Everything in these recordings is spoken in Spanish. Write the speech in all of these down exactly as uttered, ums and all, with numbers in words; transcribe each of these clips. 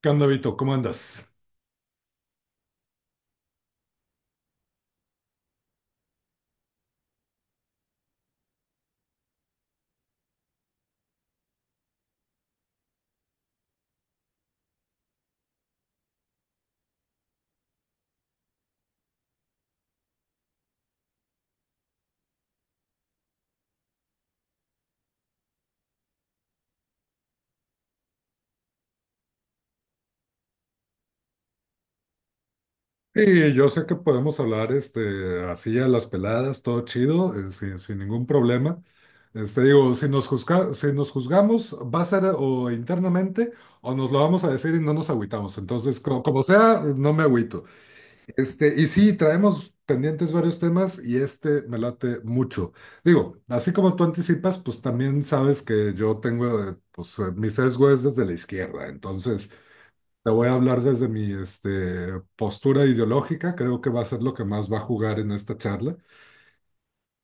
¿Qué onda, Vito? ¿Cómo andas? Sí, yo sé que podemos hablar este, así a las peladas, todo chido, eh, sin, sin ningún problema. Este, digo, si nos juzga- si nos juzgamos, va a ser o internamente o nos lo vamos a decir y no nos agüitamos. Entonces, co- como sea, no me agüito. Este, y sí, traemos pendientes varios temas y este me late mucho. Digo, así como tú anticipas, pues también sabes que yo tengo, eh, pues eh, mi sesgo es desde la izquierda. Entonces, te voy a hablar desde mi este, postura ideológica. Creo que va a ser lo que más va a jugar en esta charla.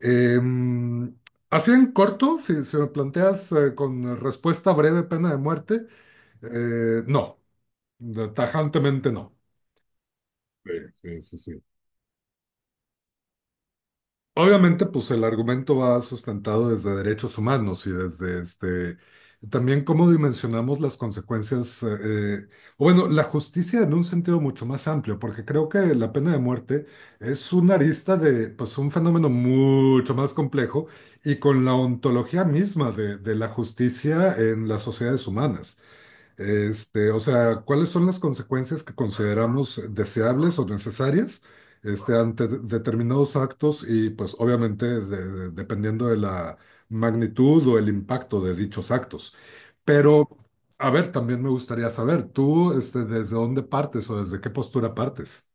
Em, así en corto, si, si me planteas eh, con respuesta breve, pena de muerte, eh, no, tajantemente no. Sí, sí, sí, sí. Obviamente, pues el argumento va sustentado desde derechos humanos y desde este también cómo dimensionamos las consecuencias, eh, o bueno, la justicia en un sentido mucho más amplio, porque creo que la pena de muerte es una arista de pues un fenómeno mucho más complejo y con la ontología misma de, de la justicia en las sociedades humanas. Este, o sea, ¿cuáles son las consecuencias que consideramos deseables o necesarias este, ante de- determinados actos y pues obviamente de- de- dependiendo de la magnitud o el impacto de dichos actos? Pero, a ver, también me gustaría saber, ¿tú este, desde dónde partes o desde qué postura partes?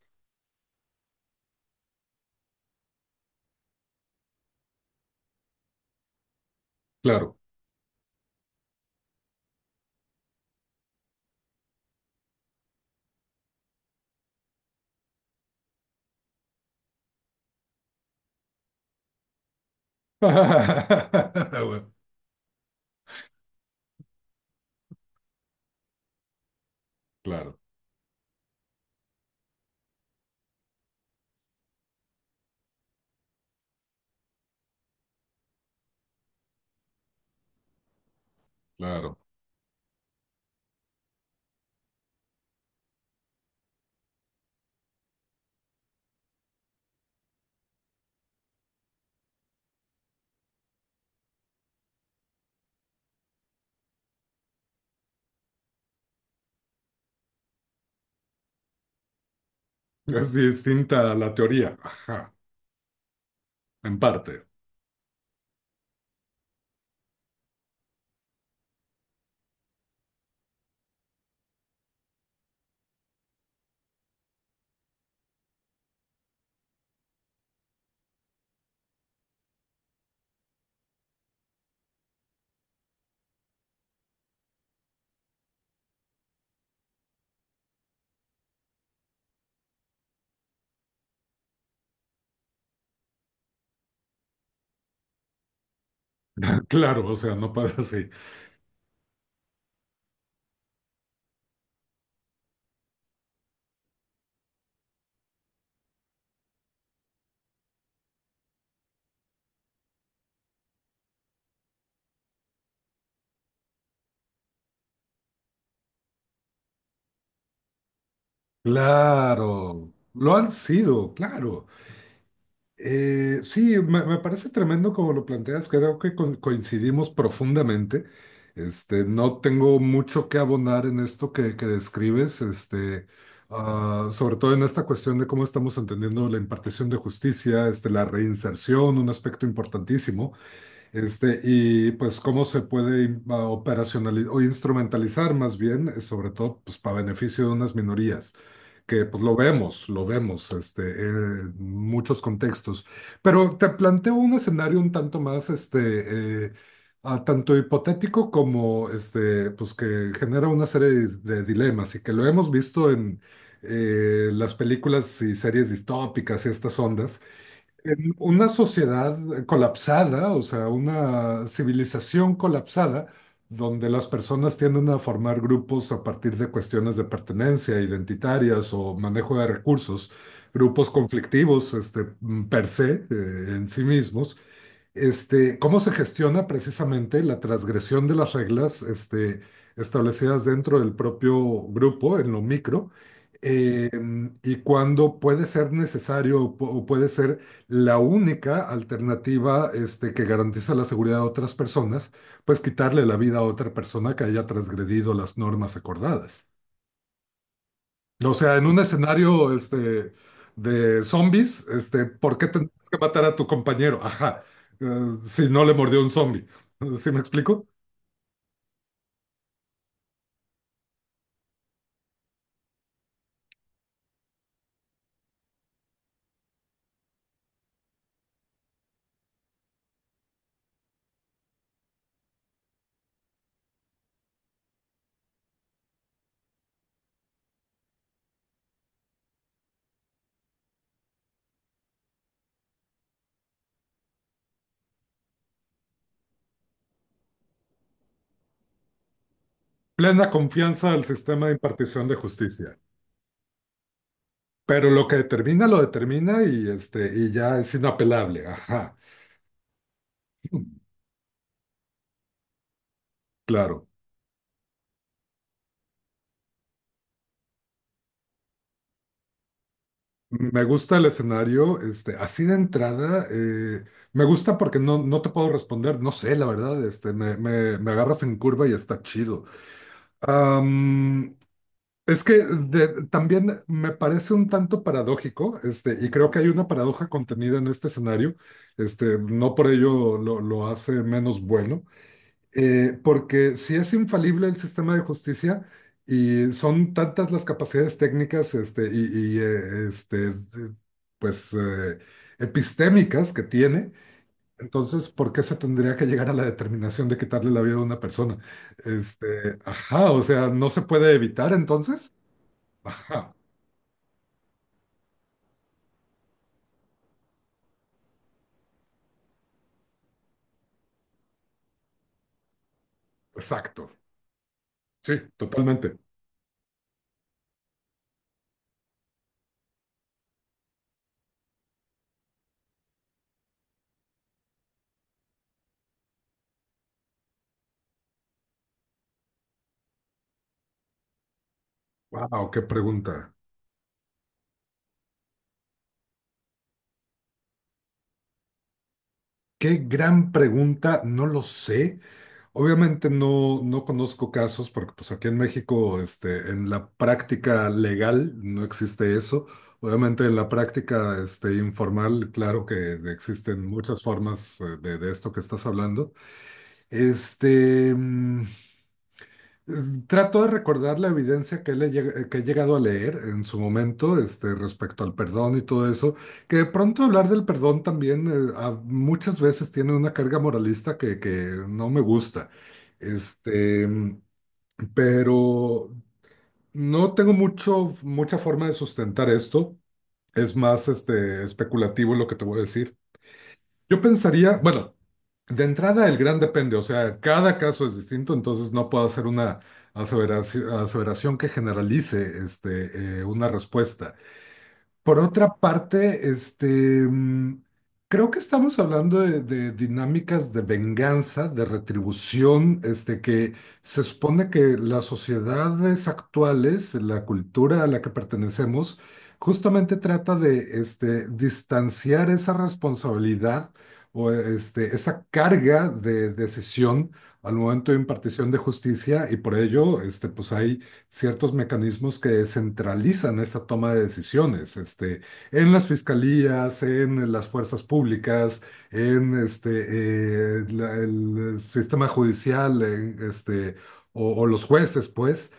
Claro. Bueno, claro, claro. Es distinta a la teoría, ajá, en parte. Claro, o sea, no puede así. Claro, lo han sido, claro. Eh, sí, me, me parece tremendo como lo planteas, creo que co- coincidimos profundamente. Este, no tengo mucho que abonar en esto que, que describes, este, ah, sobre todo en esta cuestión de cómo estamos entendiendo la impartición de justicia, este, la reinserción, un aspecto importantísimo. Este, y pues cómo se puede in- a- operacionalizar o instrumentalizar más bien, eh, sobre todo pues para beneficio de unas minorías, que pues lo vemos, lo vemos este, en muchos contextos. Pero te planteo un escenario un tanto más, este, eh, a- tanto hipotético como, este, pues que genera una serie de, de dilemas y que lo hemos visto en eh, las películas y series distópicas y estas ondas en una sociedad colapsada, o sea, una civilización colapsada, donde las personas tienden a formar grupos a partir de cuestiones de pertenencia, identitarias o manejo de recursos, grupos conflictivos, este, per se, eh, en sí mismos, este, cómo se gestiona precisamente la transgresión de las reglas este, establecidas dentro del propio grupo, en lo micro, eh, y cuándo puede ser necesario o pu- o puede ser la única alternativa este, que garantiza la seguridad de otras personas, pues quitarle la vida a otra persona que haya transgredido las normas acordadas. O sea, en un escenario este, de zombies, este, ¿por qué tendrías que matar a tu compañero? Ajá, eh, si no le mordió un zombie. ¿Sí me explico? Plena confianza al sistema de impartición de justicia. Pero lo que determina, lo determina y, este, y ya es inapelable. Ajá, claro. Me gusta el escenario, este, así de entrada, eh, me gusta porque no, no te puedo responder, no sé, la verdad, este, me, me, me agarras en curva y está chido. Am, Es que de- también me parece un tanto paradójico, este, y creo que hay una paradoja contenida en este escenario, este, no por ello lo, lo hace menos bueno, eh, porque si es infalible el sistema de justicia y son tantas las capacidades técnicas, este, y, y, eh, este, eh, pues eh, epistémicas que tiene, entonces, ¿por qué se tendría que llegar a la determinación de quitarle la vida a una persona? Este, ajá, o sea, ¿no se puede evitar entonces? Ajá, exacto. Sí, totalmente. Wow, qué pregunta. Qué gran pregunta, no lo sé. Obviamente no, no conozco casos porque pues aquí en México, este, en la práctica legal no existe eso. Obviamente en la práctica, este, informal, claro que existen muchas formas eh, de, de esto que estás hablando. Este, mm, Mm, Trato de recordar la evidencia que, he lleg- que he llegado a leer en su momento, este, respecto al perdón y todo eso, que de pronto hablar del perdón también eh, a- muchas veces tiene una carga moralista que, que no me gusta. Este, mm, pero no tengo mucho, mucha forma de sustentar esto. Es más, este, especulativo lo que te voy a decir. Yo pensaría, bueno, de entrada el gran depende, o sea, cada caso es distinto, entonces no puedo hacer una aseveraci- aseveración que generalice este, eh, una respuesta. Por otra parte, este, mm, creo que estamos hablando de, de dinámicas de venganza, de retribución, este, que se supone que las sociedades actuales, la cultura a la que pertenecemos, justamente trata de, este, distanciar esa responsabilidad o este, esa carga de decisión al momento de impartición de justicia y por ello, este, pues hay ciertos mecanismos que descentralizan esa toma de decisiones, este, en las fiscalías, en las fuerzas públicas, en este, eh, la- el sistema judicial, en, este, o, o los jueces, pues,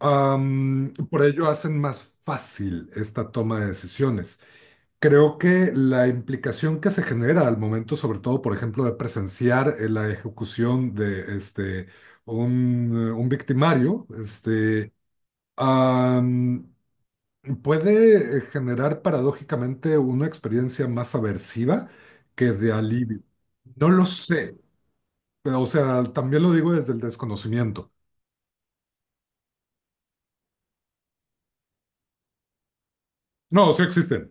Am, por ello hacen más fácil esta toma de decisiones. Creo que la implicación que se genera al momento, sobre todo, por ejemplo, de presenciar eh, la ejecución de este, un, eh, un victimario, este, Am, puede eh, generar paradójicamente una experiencia más aversiva que de alivio. No lo sé, pero, o sea, también lo digo desde el desconocimiento. No, sí existen,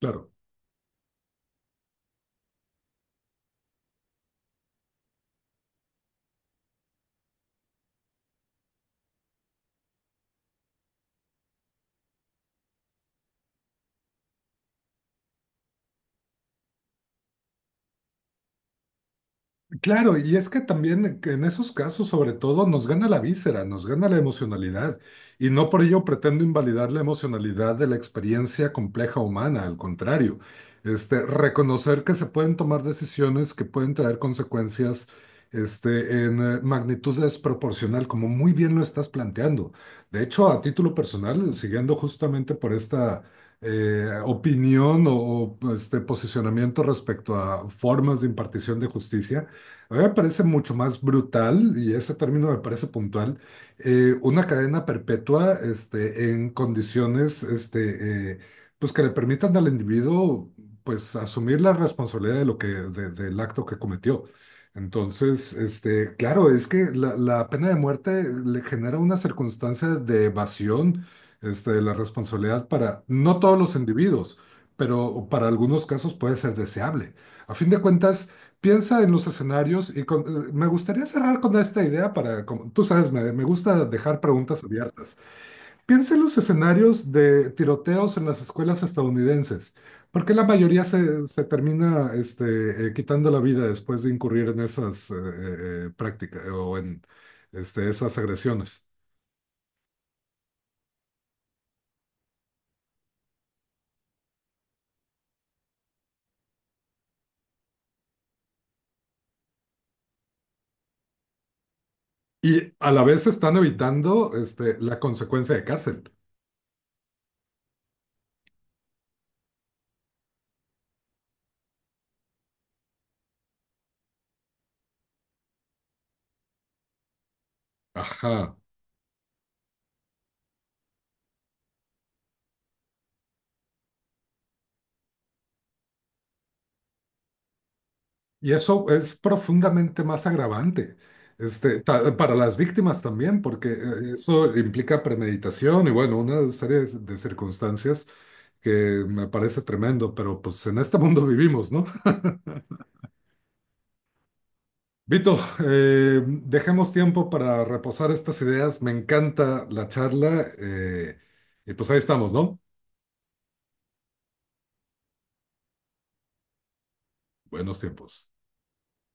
claro. Claro, y es que también que en esos casos, sobre todo, nos gana la víscera, nos gana la emocionalidad, y no por ello pretendo invalidar la emocionalidad de la experiencia compleja humana, al contrario, este, reconocer que se pueden tomar decisiones que pueden traer consecuencias, este, en eh, magnitud desproporcional, como muy bien lo estás planteando. De hecho, a título personal, siguiendo justamente por esta eh, opinión o, o, este posicionamiento respecto a formas de impartición de justicia, a mí me parece mucho más brutal, y ese término me parece puntual, eh, una cadena perpetua este, en condiciones este, eh, pues que le permitan al individuo pues, asumir la responsabilidad de lo que, de- del acto que cometió. Entonces, este, claro, es que la, la pena de muerte le genera una circunstancia de evasión este, de la responsabilidad para no todos los individuos, pero para algunos casos puede ser deseable. A fin de cuentas, piensa en los escenarios y con- eh, me gustaría cerrar con esta idea para, como- tú sabes, me, me gusta dejar preguntas abiertas. Piensa en los escenarios de tiroteos en las escuelas estadounidenses. ¿Por qué la mayoría se, se termina este, eh, quitando la vida después de incurrir en esas eh, eh, prácticas o en este, esas agresiones? Y a la vez están evitando este, la consecuencia de cárcel. Ajá. Y eso es profundamente más agravante, este, ta- para las víctimas también, porque eh, eso implica premeditación y bueno, una serie de de circunstancias que me parece tremendo, pero pues en este mundo vivimos, ¿no? Vito, eh, dejemos tiempo para reposar estas ideas. Me encanta la charla eh, y pues ahí estamos, ¿no? Buenos tiempos.